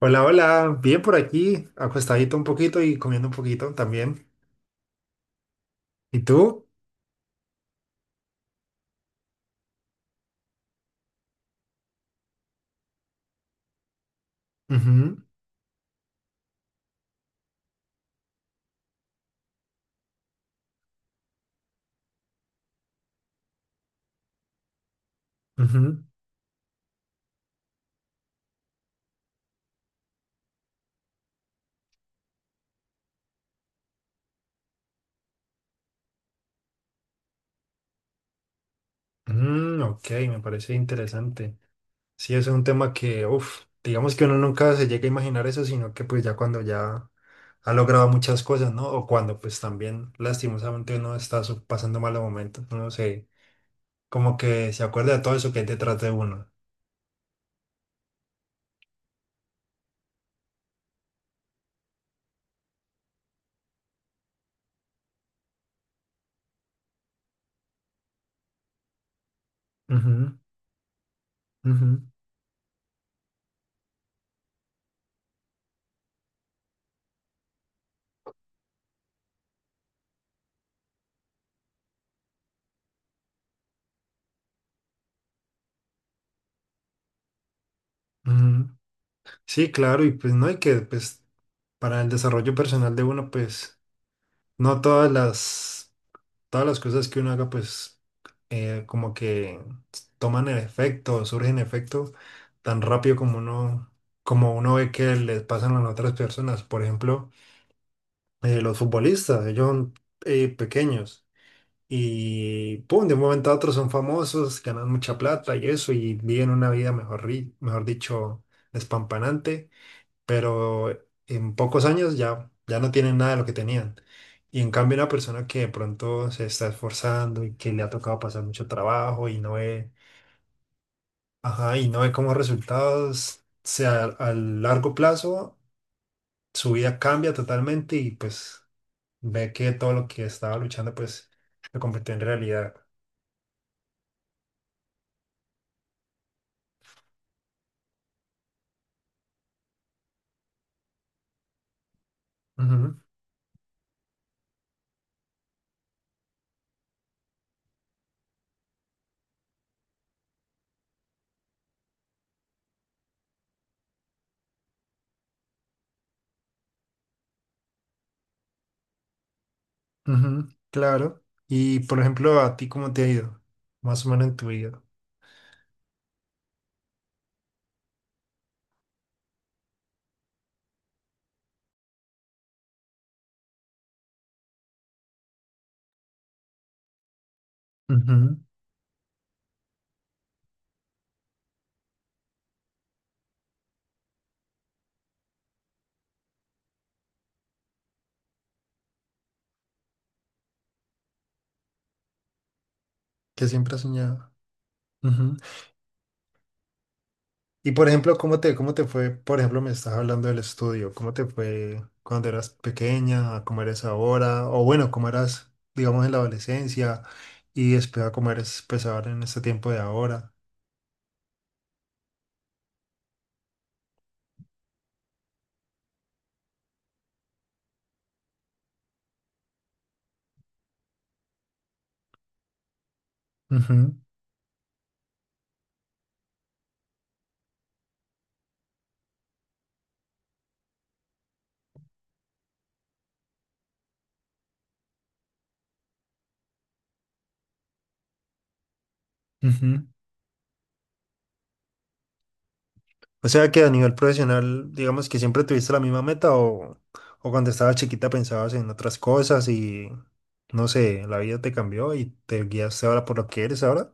Hola, hola, bien por aquí, acostadito un poquito y comiendo un poquito también. ¿Y tú? Ujú, ujú. Mm, ok, me parece interesante. Sí, es un tema que, uff, digamos que uno nunca se llega a imaginar eso, sino que pues ya cuando ya ha logrado muchas cosas, ¿no? O cuando pues también lastimosamente uno está pasando malos momentos, uno se, como que se acuerda de todo eso que hay detrás de uno. Ujú, ujú, ujú. Sí, claro, y pues no hay que, pues para el desarrollo personal de uno, pues no todas todas las cosas que uno haga, pues como que toman el efecto, surgen efecto tan rápido como como uno ve que les pasan a las otras personas. Por ejemplo, los futbolistas, ellos son pequeños y pum, de un momento a otro son famosos, ganan mucha plata y eso, y viven una vida, mejor, mejor dicho, despampanante, pero en pocos años ya no tienen nada de lo que tenían. Y en cambio una persona que de pronto se está esforzando y que le ha tocado pasar mucho trabajo y no ve, ajá, y no ve como resultados, sea, a largo plazo su vida cambia totalmente y pues ve que todo lo que estaba luchando pues lo convirtió en realidad. Ujú, ujú, claro. Y por ejemplo, ¿a ti cómo te ha ido? Más o menos en tu vida. Ujú. Que siempre has soñado. Ujú. Y por ejemplo, ¿cómo cómo te fue? Por ejemplo, me estás hablando del estudio. ¿Cómo te fue cuando eras pequeña? ¿A cómo eres ahora? O bueno, ¿cómo eras, digamos, en la adolescencia? Y después a cómo eres, pues, ahora en este tiempo de ahora. Ujú, ujú. O sea que a nivel profesional, digamos que siempre tuviste la misma meta o o cuando estabas chiquita pensabas en otras cosas y, no sé, la vida te cambió y te guiaste ahora por lo que eres ahora.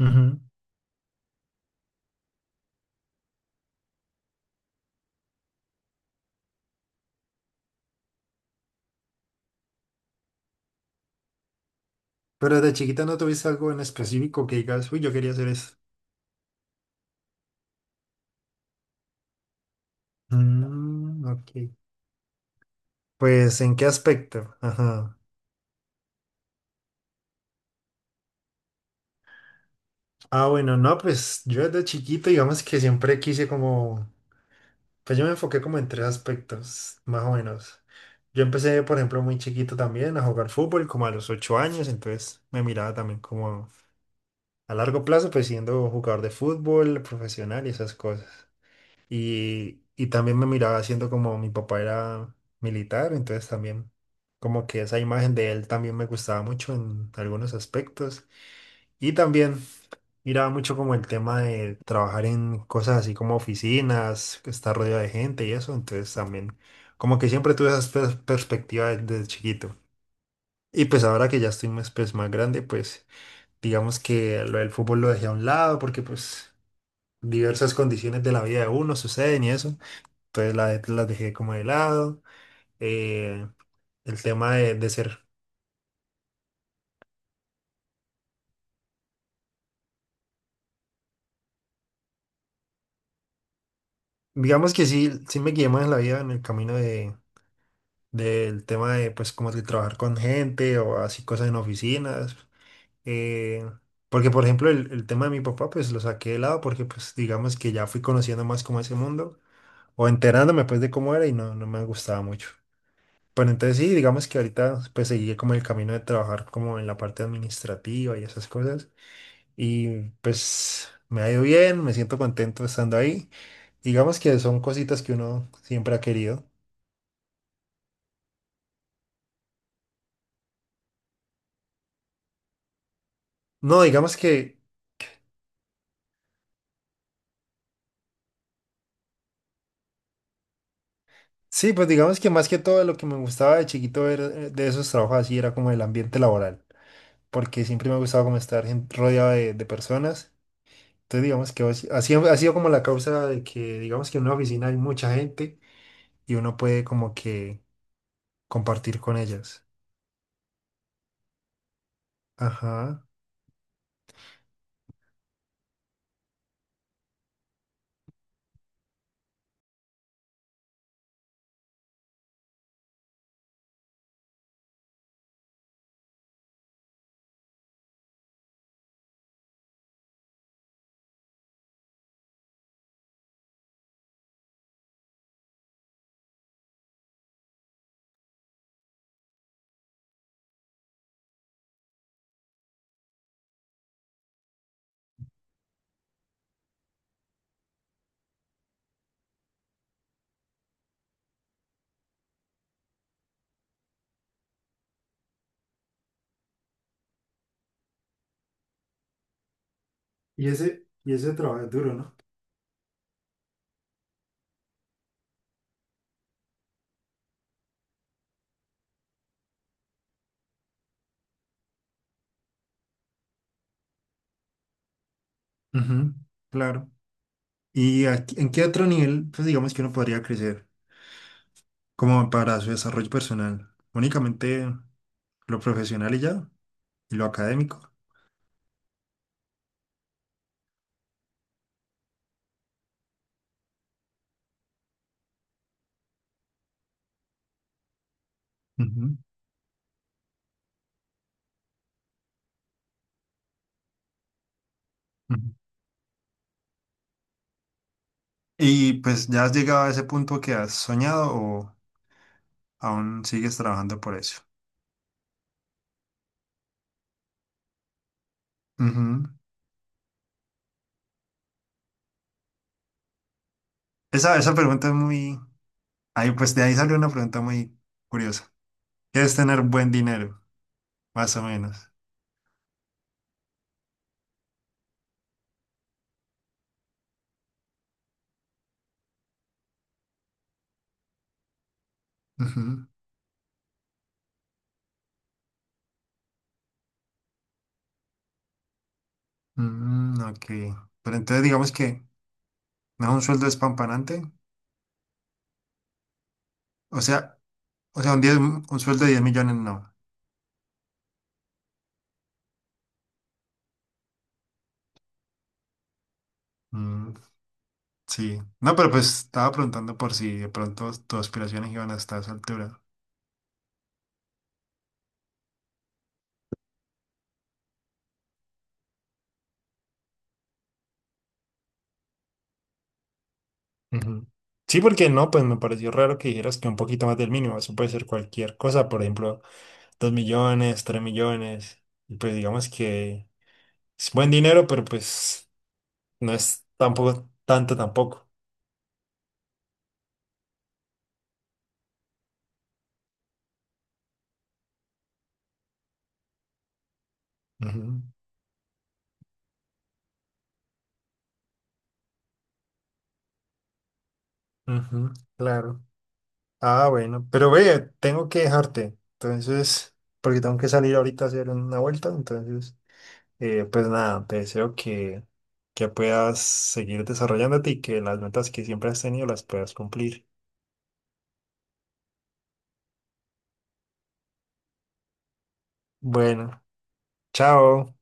Ujú. Pero desde chiquita no tuviste algo en específico que digas, uy, yo quería hacer esto. Mm, ok. Pues, ¿en qué aspecto? Ajá. Ah, bueno, no, pues yo desde chiquito, digamos que siempre quise como, pues yo me enfoqué como en tres aspectos, más o menos. Yo empecé, por ejemplo, muy chiquito también a jugar fútbol, como a los 8 años, entonces me miraba también como a largo plazo, pues siendo jugador de fútbol profesional y esas cosas. Y también me miraba haciendo como mi papá era militar, entonces también como que esa imagen de él también me gustaba mucho en algunos aspectos. Y también miraba mucho como el tema de trabajar en cosas así como oficinas, que estar rodeado de gente y eso, entonces también como que siempre tuve esas perspectivas desde chiquito. Y pues ahora que ya estoy más, pues, más grande, pues digamos que lo del fútbol lo dejé a un lado porque pues diversas condiciones de la vida de uno suceden y eso. Entonces las dejé como de lado. Eh, el tema de ser, digamos que sí me guié más en la vida en el camino de, del tema de, pues, como de trabajar con gente o así cosas en oficinas. Eh, Porque, por ejemplo, el tema de mi papá, pues lo saqué de lado porque, pues, digamos que ya fui conociendo más como ese mundo o enterándome, pues, de cómo era y no me gustaba mucho. Pero entonces sí, digamos que ahorita, pues, seguí como el camino de trabajar como en la parte administrativa y esas cosas. Y pues me ha ido bien, me siento contento estando ahí. Digamos que son cositas que uno siempre ha querido. No, digamos que, sí, pues digamos que más que todo lo que me gustaba de chiquito ver de esos trabajos así era como el ambiente laboral, porque siempre me ha gustado como estar rodeado de personas. Entonces digamos que así ha sido como la causa de que digamos que en una oficina hay mucha gente y uno puede como que compartir con ellas. Ajá. Y ese trabajo es duro, ¿no? Ujú, claro. ¿Y en qué otro nivel, pues digamos que uno podría crecer como para su desarrollo personal? Únicamente lo profesional y ya, y lo académico. Ujú, ujú. ¿Y pues ya has llegado a ese punto que has soñado o aún sigues trabajando por eso? Ujú. Esa pregunta es muy... Ahí, pues de ahí salió una pregunta muy curiosa. ¿Qué es tener buen dinero? Más o menos. Ujú. Mm, ok. Pero entonces digamos que no es un sueldo espampanante. O sea, O sea, diez un sueldo de 10 millones, no. Mm, sí. No, pero pues estaba preguntando por si de pronto tus aspiraciones iban hasta esa altura. Ujú. Sí, porque no, pues me pareció raro que dijeras que un poquito más del mínimo, eso puede ser cualquier cosa, por ejemplo, 2 millones, 3 millones, y pues digamos que es buen dinero, pero pues no es tampoco tanto tampoco. Ujú, ujú, claro. Ah, bueno, pero ve, tengo que dejarte, entonces, porque tengo que salir ahorita a hacer una vuelta, entonces, eh, pues nada, te deseo que puedas seguir desarrollándote y que las metas que siempre has tenido las puedas cumplir. Bueno, chao.